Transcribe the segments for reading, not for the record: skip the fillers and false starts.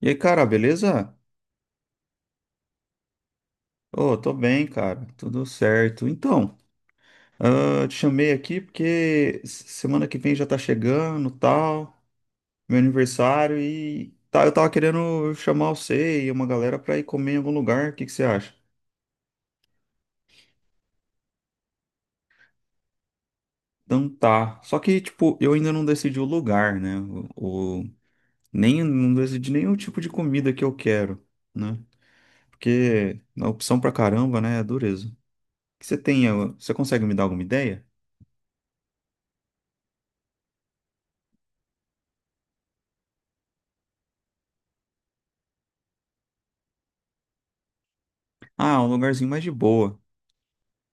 E aí, cara, beleza? Ô, tô bem, cara, tudo certo. Então, eu te chamei aqui porque semana que vem já tá chegando, tal, meu aniversário e tá, eu tava querendo chamar você e uma galera pra ir comer em algum lugar, o que que você acha? Então tá, só que, tipo, eu ainda não decidi o lugar, né? O- nem, não decidi nenhum tipo de comida que eu quero, né? Porque a opção pra caramba, né, é dureza. O que você tem? Você consegue me dar alguma ideia? Ah, um lugarzinho mais de boa.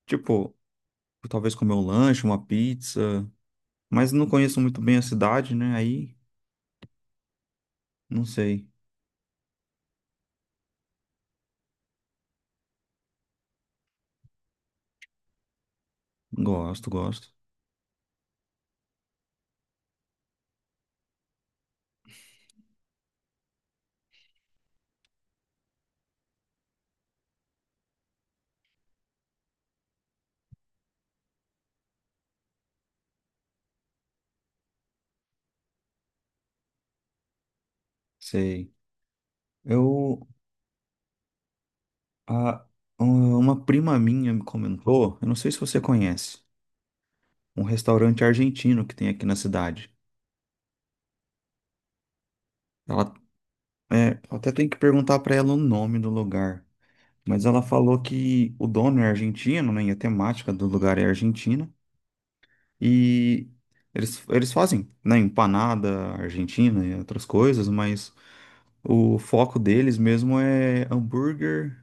Tipo, talvez comer um lanche, uma pizza. Mas não conheço muito bem a cidade, né? Aí, não sei. Gosto, gosto. Sei. Eu. A, um, uma prima minha me comentou, eu não sei se você conhece, um restaurante argentino que tem aqui na cidade. Ela. É, eu até tenho que perguntar pra ela o nome do lugar. Mas ela falou que o dono é argentino, né? E a temática do lugar é argentina. E eles fazem, né? Empanada argentina e outras coisas, mas. O foco deles mesmo é hambúrguer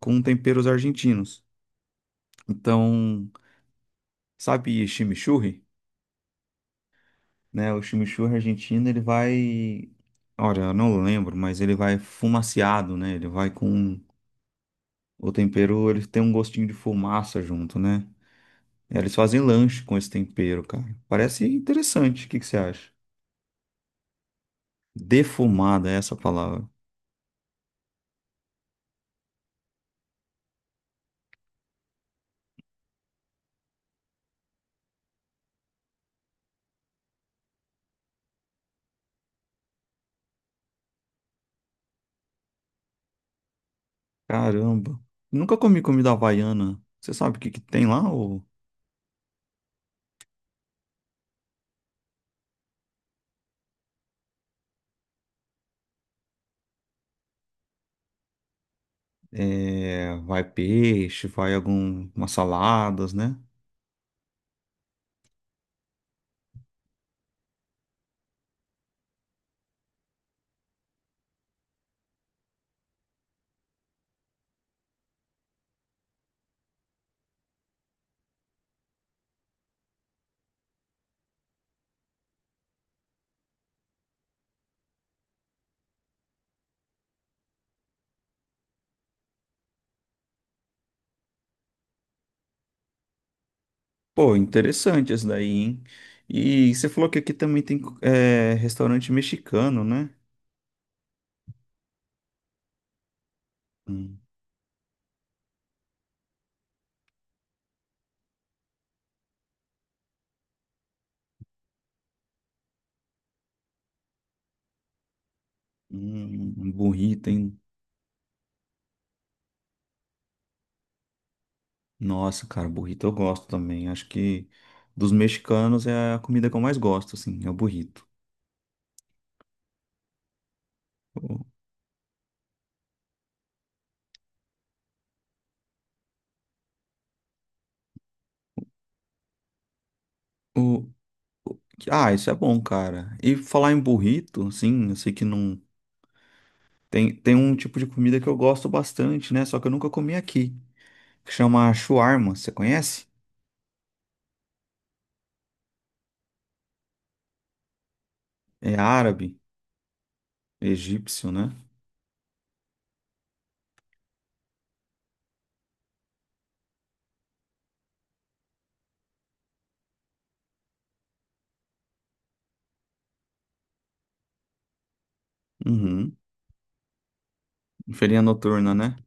com temperos argentinos. Então, sabe chimichurri, né? O chimichurri argentino, ele vai, olha, eu não lembro, mas ele vai fumaciado, né? Ele vai com o tempero, ele tem um gostinho de fumaça junto, né? É, eles fazem lanche com esse tempero, cara. Parece interessante. O que que você acha? Defumada é essa palavra. Caramba. Nunca comi comida havaiana. Você sabe o que que tem lá, ou? É, vai peixe, vai algumas saladas, né? Pô, interessante esse daí, hein? E você falou que aqui também tem restaurante mexicano, né? Hum, um burrito, hein? Nossa, cara, burrito eu gosto também. Acho que dos mexicanos é a comida que eu mais gosto, assim, é o burrito. O, o- o- isso é bom, cara. E falar em burrito, assim, eu sei que não. Tem um tipo de comida que eu gosto bastante, né? Só que eu nunca comi aqui. Que chama shawarma, você conhece? É árabe, egípcio, né? Uhum. Feirinha noturna, né?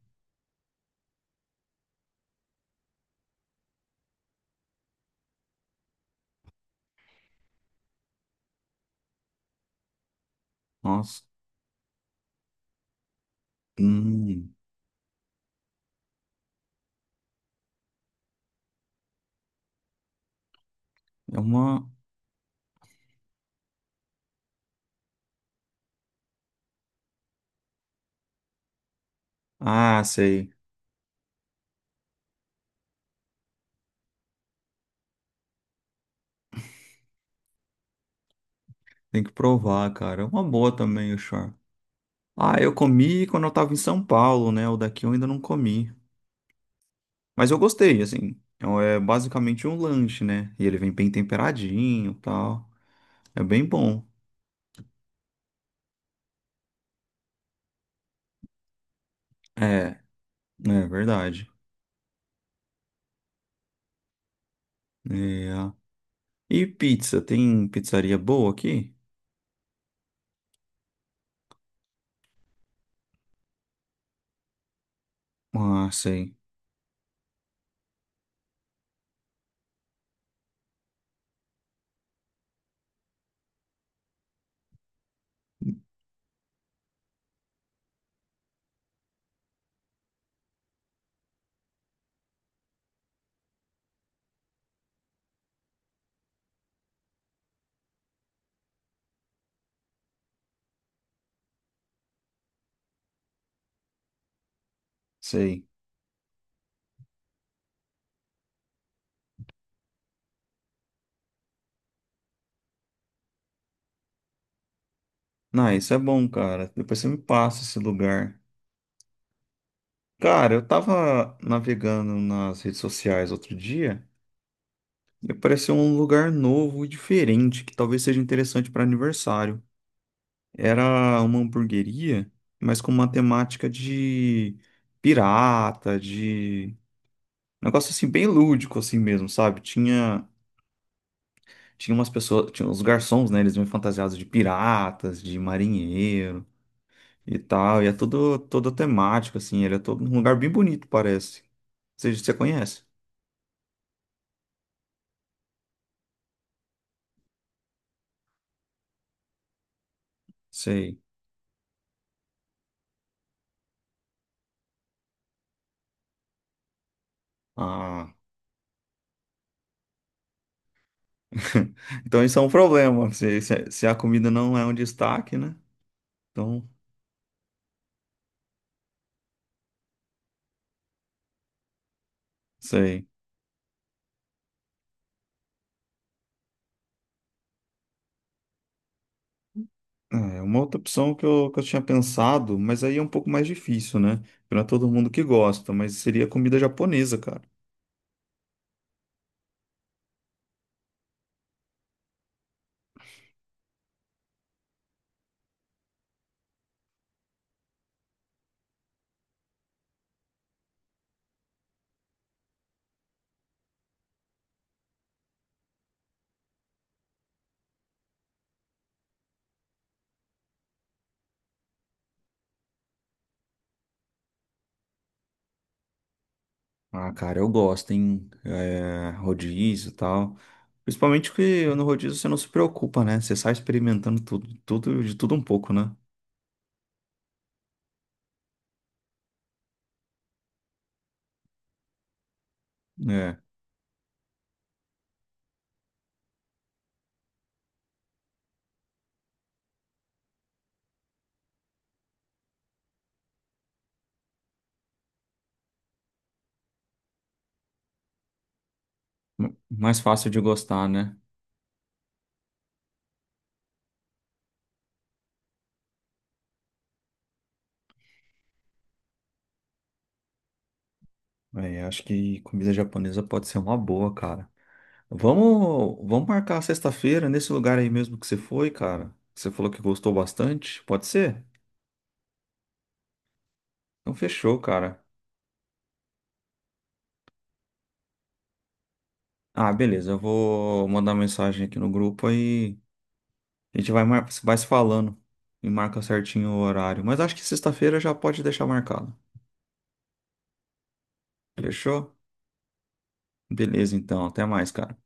Nossa. Hum, é uma. Ah, sei. Tem que provar, cara. É uma boa também o shawarma. Ah, eu comi quando eu tava em São Paulo, né? O daqui eu ainda não comi. Mas eu gostei, assim. É um, é basicamente um lanche, né? E ele vem bem temperadinho e tal. É bem bom. É, é verdade. É. E pizza? Tem pizzaria boa aqui? Ah, sei. Sei. Ah, isso é bom, cara. Depois você me passa esse lugar. Cara, eu tava navegando nas redes sociais outro dia e apareceu um lugar novo e diferente que talvez seja interessante para aniversário. Era uma hamburgueria, mas com uma temática de pirata, de negócio assim bem lúdico assim mesmo, sabe? Tinha tinha umas pessoas, tinha os garçons, né? Eles vinham fantasiados de piratas, de marinheiro, e tal. E é todo, todo temático, assim. Ele é todo um lugar bem bonito, parece. Você conhece? Sei. Ah, então isso é um problema. Se a comida não é um destaque, né? Então, sei. É, uma outra opção que eu tinha pensado, mas aí é um pouco mais difícil, né? Não é todo mundo que gosta, mas seria comida japonesa, cara. Ah, cara, eu gosto, hein? É, rodízio e tal. Principalmente que no rodízio você não se preocupa, né? Você sai experimentando tudo, tudo, de tudo um pouco, né? É, mais fácil de gostar, né? É, acho que comida japonesa pode ser uma boa, cara. Vamos marcar sexta-feira nesse lugar aí mesmo que você foi, cara. Você falou que gostou bastante, pode ser? Então fechou, cara. Ah, beleza, eu vou mandar mensagem aqui no grupo aí. A gente vai, mar... vai se falando e marca certinho o horário. Mas acho que sexta-feira já pode deixar marcado. Fechou? Beleza, então. Até mais, cara.